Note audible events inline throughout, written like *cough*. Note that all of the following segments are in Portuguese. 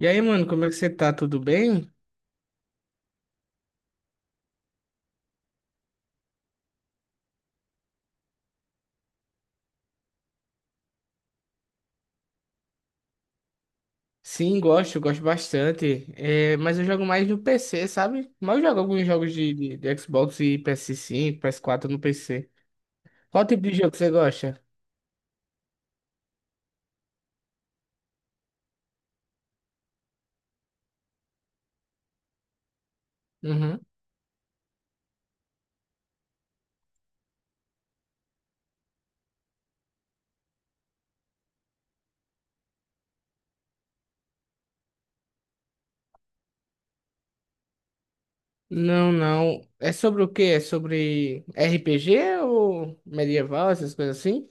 E aí, mano, como é que você tá? Tudo bem? Sim, gosto bastante. É, mas eu jogo mais no PC, sabe? Mas eu jogo alguns jogos de Xbox e PS5, PS4 no PC. Qual tipo de jogo você gosta? Uhum. Não, não. É sobre o quê? É sobre RPG ou medieval, essas coisas assim?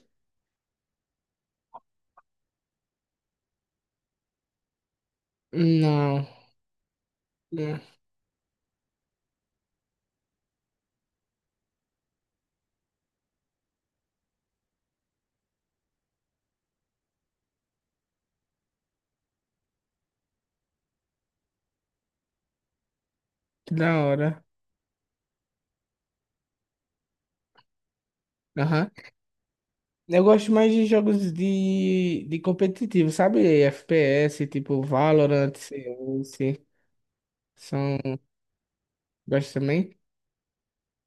Não. Hum. Que da hora. Aham. Eu gosto mais de jogos de competitivo, sabe? FPS, tipo Valorant, CS. São. Gosto também?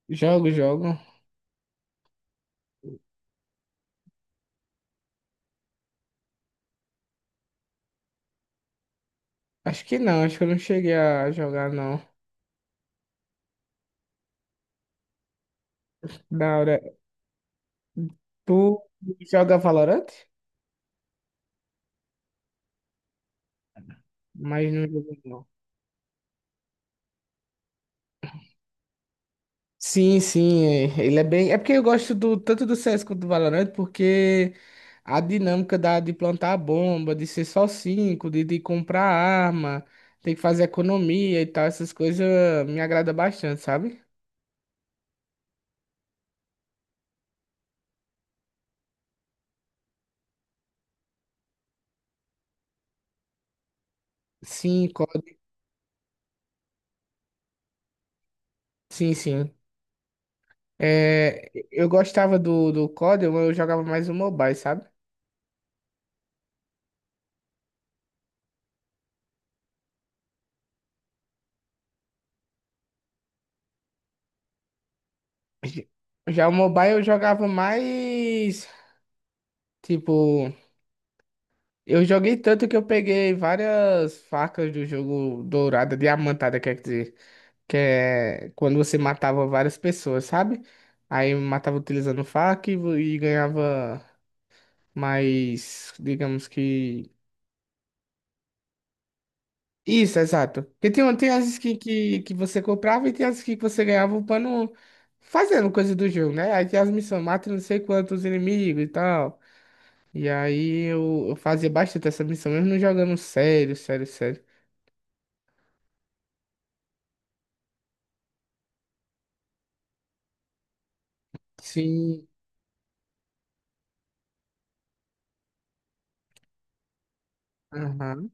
Jogo, jogo. Acho que não, acho que eu não cheguei a jogar, não. Da hora. Tu joga Valorant? Mas não jogo, não. Sim, sim, ele é bem. É porque eu gosto do, tanto do CS quanto do Valorant, porque a dinâmica da, de plantar a bomba, de ser só cinco, de comprar arma, tem que fazer economia e tal, essas coisas me agrada bastante, sabe? Sim, COD. Sim, sim. É, eu gostava do COD, eu jogava mais o mobile, sabe? J- Já o mobile eu jogava mais. Tipo, eu joguei tanto que eu peguei várias facas do jogo dourada, diamantada, quer dizer, que é quando você matava várias pessoas, sabe? Aí matava utilizando faca e, e ganhava mais, digamos que. Isso, exato. Porque tem, tem as skins que você comprava e tem as skins que você ganhava upando, fazendo coisa do jogo, né? Aí tem as missões, mata não sei quantos inimigos e tal. E aí eu fazia bastante essa missão, mesmo não jogando sério, sério, sério. Sim. Aham.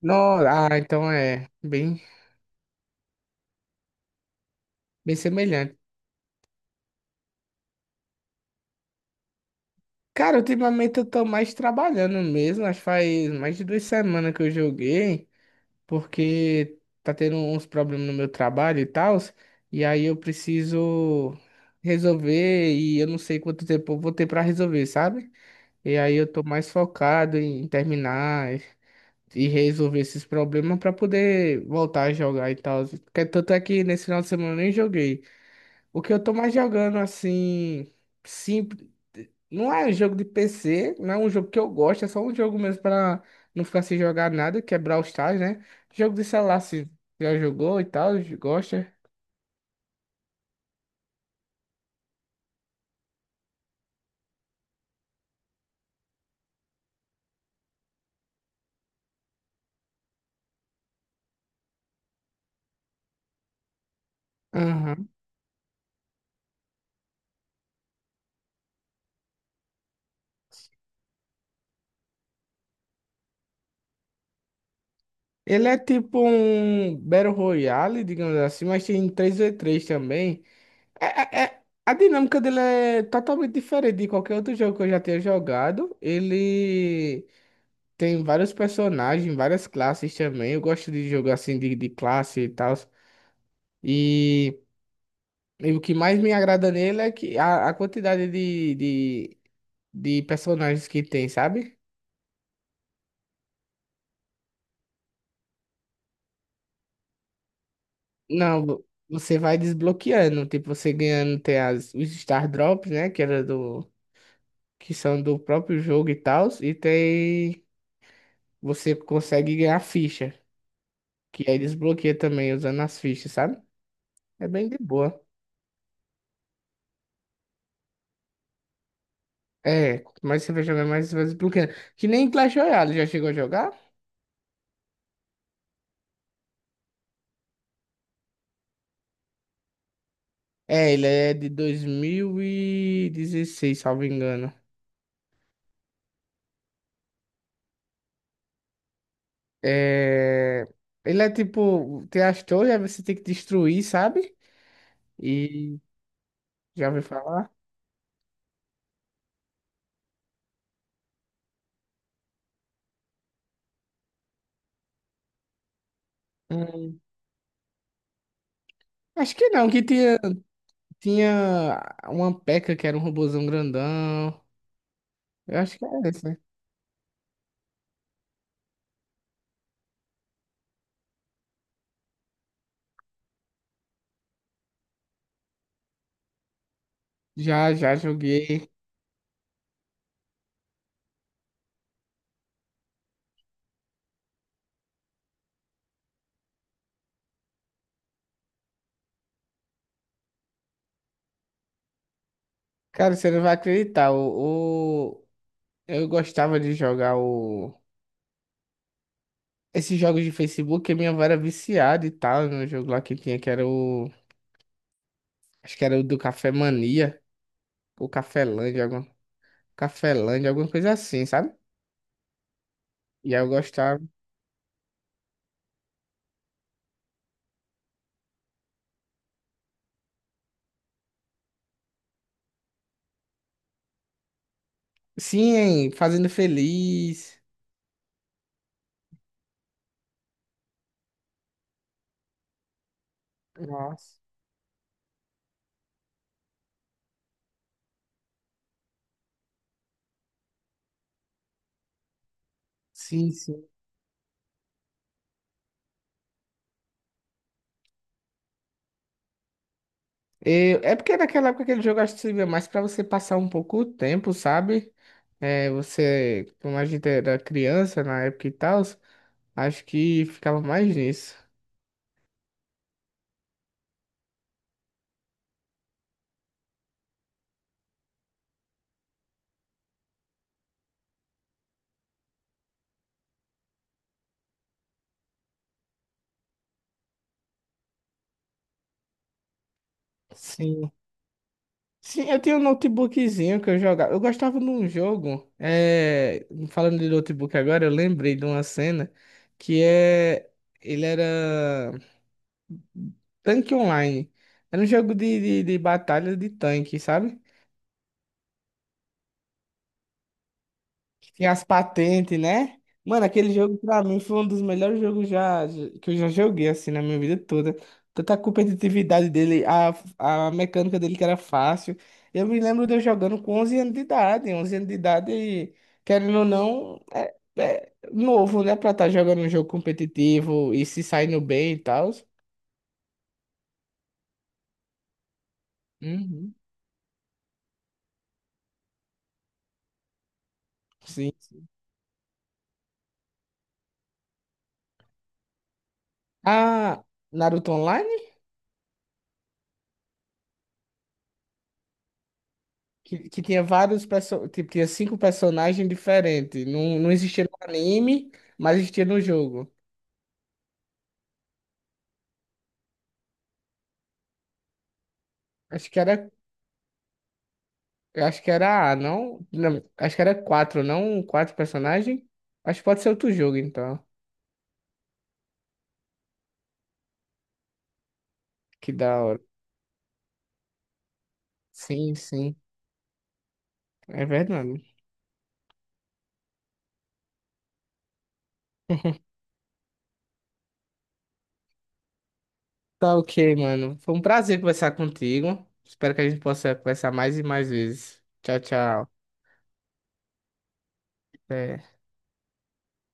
Não, ah, então é bem, bem semelhante. Cara, ultimamente eu tô mais trabalhando mesmo, acho que faz mais de 2 semanas que eu joguei, porque tá tendo uns problemas no meu trabalho e tal, e aí eu preciso resolver e eu não sei quanto tempo eu vou ter pra resolver, sabe? E aí eu tô mais focado em terminar e resolver esses problemas pra poder voltar a jogar e tal. Porque tanto é que nesse final de semana eu nem joguei. O que eu tô mais jogando assim, simples, não é um jogo de PC, não é um jogo que eu gosto, é só um jogo mesmo pra não ficar sem jogar nada, que é Brawl Stars, né? Jogo de celular, se já jogou e tal, gosta. Aham. Ele é tipo um Battle Royale, digamos assim, mas tem 3v3 também. É- a dinâmica dele é totalmente diferente de qualquer outro jogo que eu já tenha jogado. Ele tem vários personagens, várias classes também. Eu gosto de jogo assim de classe e tal. E, e o que mais me agrada nele é que a quantidade de personagens que tem, sabe? Não, você vai desbloqueando. Tipo, você ganhando tem os Star Drops, né? Que era que são do próprio jogo e tal. E tem. Você consegue ganhar ficha. Que aí desbloqueia também usando as fichas, sabe? É bem de boa. É, quanto mais você vai jogar, mais você vai desbloqueando. Que nem Clash Royale, já chegou a jogar? É, ele é de 2016, salvo engano. É... Ele é tipo, tem as torres, aí você tem que destruir, sabe? E já ouviu falar? Hum, Acho que não, que tinha uma P.E.K.K.A. que era um robozão grandão. Eu acho que é esse, né? Já, já joguei. Cara, você não vai acreditar. Eu gostava de jogar o... Esses jogos de Facebook, que minha avó era viciada e tal, no jogo lá que tinha, que era o... Acho que era o do Café Mania, ou Cafelândia, alguma coisa assim, sabe? E aí eu gostava. Sim, hein? Fazendo Feliz. Nossa. Sim, sim. É porque naquela época aquele jogo eu acho que servia mais pra você passar um pouco o tempo, sabe? É, você, como a gente era criança na época e tal, acho que ficava mais nisso. Sim. Sim, eu tinha um notebookzinho que eu jogava. Eu gostava de um jogo. Falando de notebook agora, eu lembrei de uma cena que é. Ele era Tanque Online. Era um jogo de batalha de tanque, sabe? Tinha as patentes, né? Mano, aquele jogo pra mim foi um dos melhores jogos já, que eu já joguei, assim, na minha vida toda. Tanta competitividade dele, a mecânica dele que era fácil. Eu me lembro de eu jogando com 11 anos de idade. 11 anos de idade, querendo ou não, é novo, né? Pra estar jogando um jogo competitivo e se saindo bem e tal. Uhum. Sim. Ah, Naruto. Que tinha vários perso... tipo, tinha cinco personagens diferentes. Não, não existia no anime, mas existia no jogo. Acho que era, acho que era A, não? Não, acho que era quatro, não? Quatro personagens? Acho que pode ser outro jogo, então. Que da hora. Sim, sim. É verdade. *laughs* Tá ok, mano. Foi um prazer conversar contigo. Espero que a gente possa conversar mais e mais vezes. Tchau, tchau. Até.